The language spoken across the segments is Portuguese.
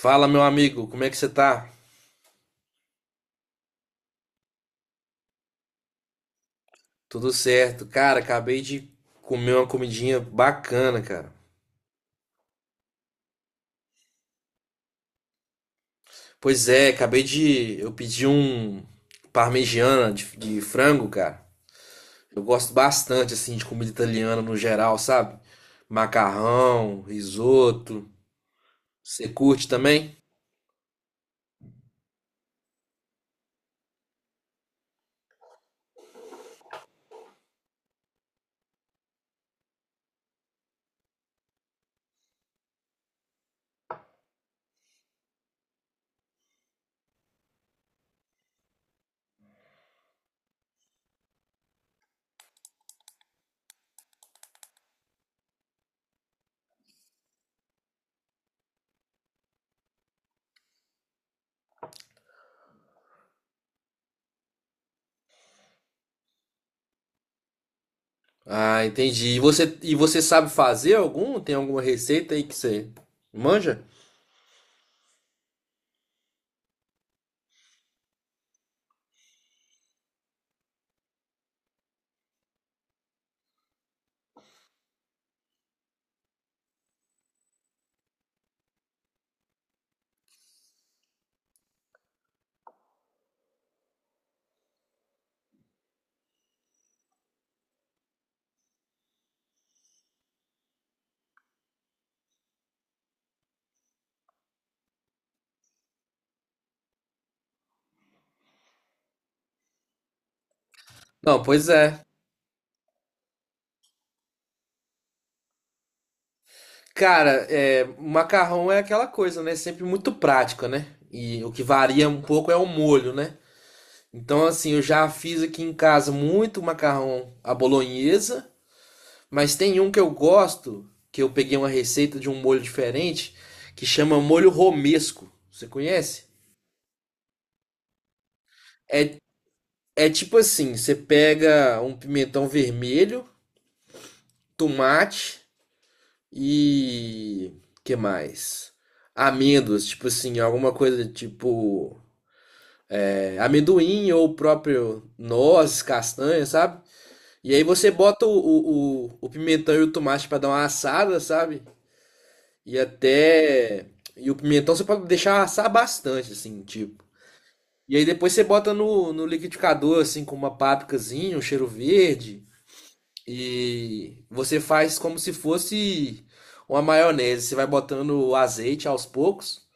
Fala, meu amigo, como é que você tá? Tudo certo. Cara, acabei de comer uma comidinha bacana, cara. Pois é, acabei de. Eu pedi um parmegiana de frango, cara. Eu gosto bastante, assim, de comida italiana no geral, sabe? Macarrão, risoto. Você curte também? Ah, entendi. E você sabe fazer algum? Tem alguma receita aí que você manja? Não, pois é. Cara, é, macarrão é aquela coisa, né? Sempre muito prática, né? E o que varia um pouco é o molho, né? Então, assim, eu já fiz aqui em casa muito macarrão à bolonhesa, mas tem um que eu gosto, que eu peguei uma receita de um molho diferente, que chama molho romesco. Você conhece? É, é tipo assim, você pega um pimentão vermelho, tomate e que mais? Amêndoas, tipo assim, alguma coisa tipo. É, amendoim ou o próprio noz, castanha, sabe? E aí você bota o pimentão e o tomate para dar uma assada, sabe? E até. E o pimentão você pode deixar assar bastante, assim, tipo. E aí depois você bota no liquidificador, assim, com uma pápricazinha, um cheiro verde. E você faz como se fosse uma maionese. Você vai botando o azeite aos poucos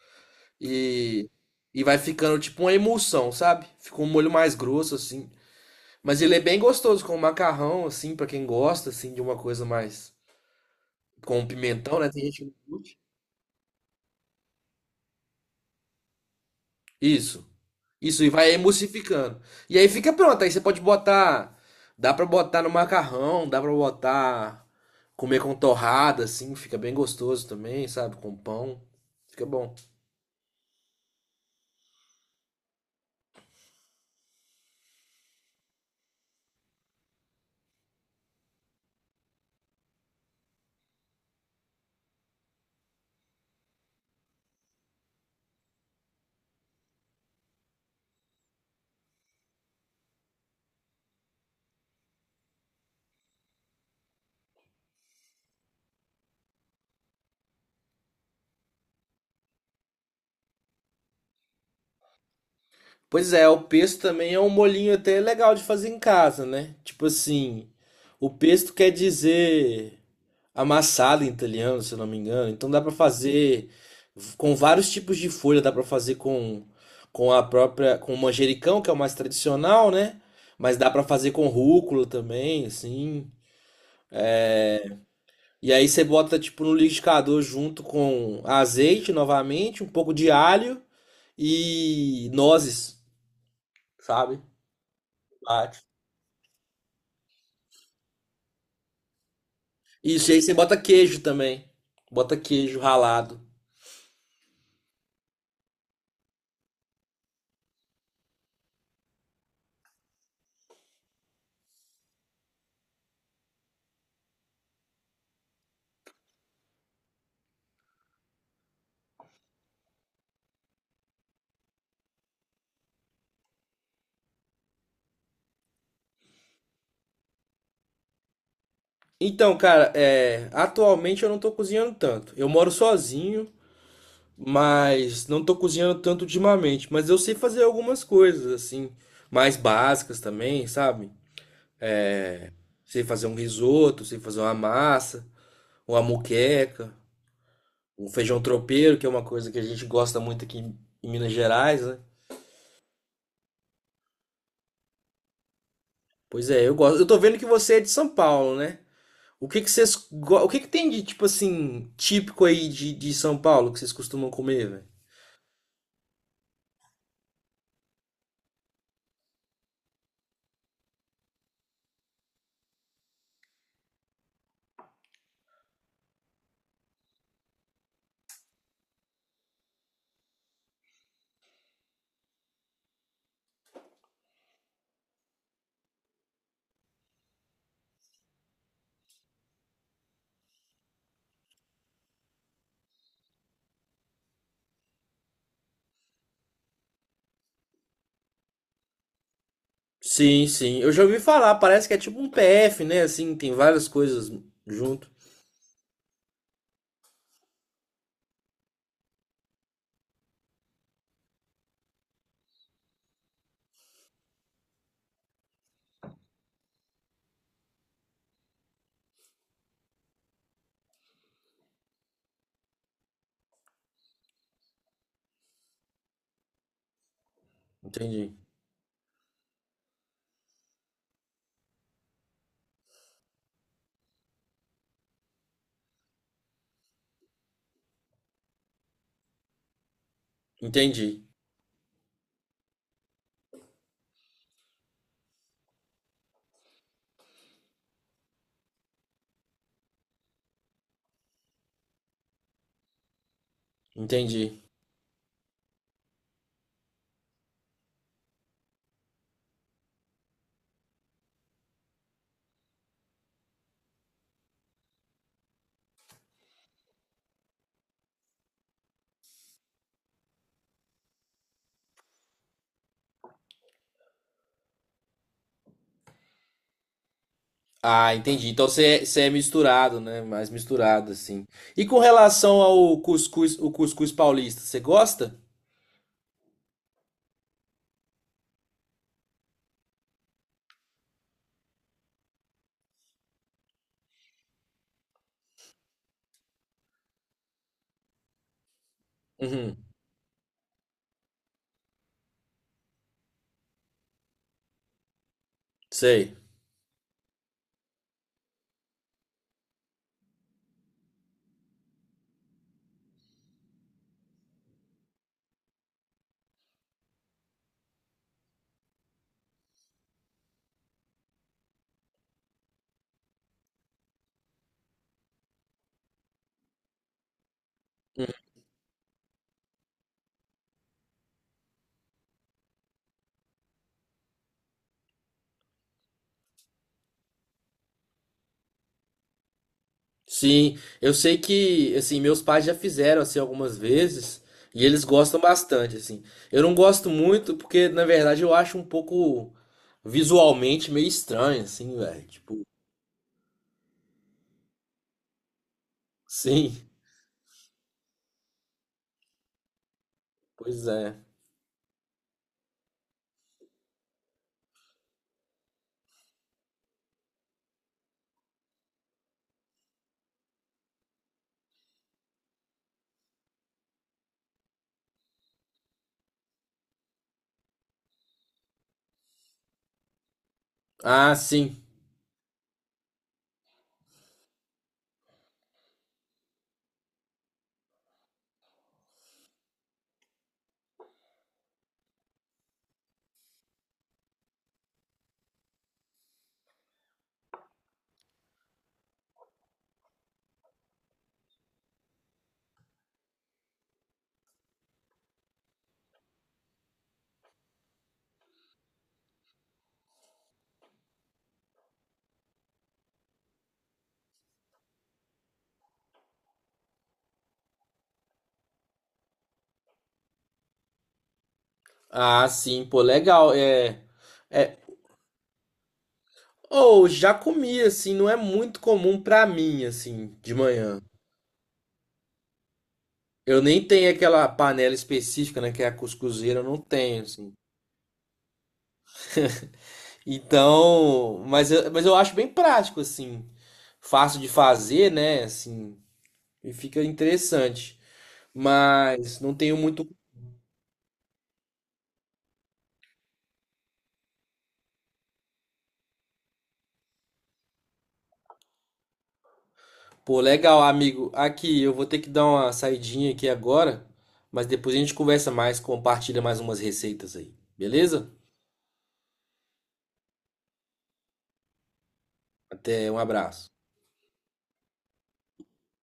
e, e vai ficando tipo uma emulsão, sabe? Fica um molho mais grosso, assim. Mas ele é bem gostoso com macarrão, assim, pra quem gosta, assim, de uma coisa mais com pimentão, né? Tem gente que não curte. Isso. Isso, e vai emulsificando. E aí fica pronto. Aí você pode botar. Dá pra botar no macarrão, dá pra botar. Comer com torrada, assim, fica bem gostoso também, sabe? Com pão. Fica bom. Pois é, o pesto também é um molinho até legal de fazer em casa, né? Tipo assim, o pesto quer dizer. Amassada em italiano, se eu não me engano. Então dá pra fazer com vários tipos de folha, dá pra fazer com a própria com o manjericão, que é o mais tradicional, né? Mas dá pra fazer com rúcula também, assim. E aí você bota tipo no liquidificador junto com azeite novamente, um pouco de alho e nozes, sabe? Bate. Isso, e aí você bota queijo também. Bota queijo ralado. Então, cara, é, atualmente eu não tô cozinhando tanto. Eu moro sozinho. Mas não tô cozinhando tanto ultimamente, mas eu sei fazer algumas coisas assim, mais básicas também, sabe? É, sei fazer um risoto, sei fazer uma massa, uma moqueca, um feijão tropeiro, que é uma coisa que a gente gosta muito aqui em Minas Gerais, né? Pois é, eu gosto. Eu tô vendo que você é de São Paulo, né? O que que vocês, o que que tem de tipo assim, típico aí de São Paulo que vocês costumam comer, velho? Sim, sim. Eu já ouvi falar, parece que é tipo um PF, né? Assim, tem várias coisas junto. Entendi, entendi, entendi. Ah, entendi. Então você é misturado, né? Mais misturado, assim. E com relação ao cuscuz, o cuscuz paulista, você gosta? Uhum, sei. Sim, eu sei que, assim, meus pais já fizeram, assim, algumas vezes e eles gostam bastante, assim. Eu não gosto muito porque, na verdade, eu acho um pouco visualmente meio estranho, assim, velho. Tipo, sim, pois é. Ah, sim. Ah, sim, pô, legal. É, Ou já comi assim, não é muito comum pra mim assim, de manhã. Eu nem tenho aquela panela específica, né, que é a cuscuzeira, eu não tenho assim. Então, mas eu acho bem prático assim, fácil de fazer, né, assim, e fica interessante. Mas não tenho muito. Pô, legal, amigo. Aqui eu vou ter que dar uma saidinha aqui agora, mas depois a gente conversa mais, compartilha mais umas receitas aí. Beleza? Até, um abraço.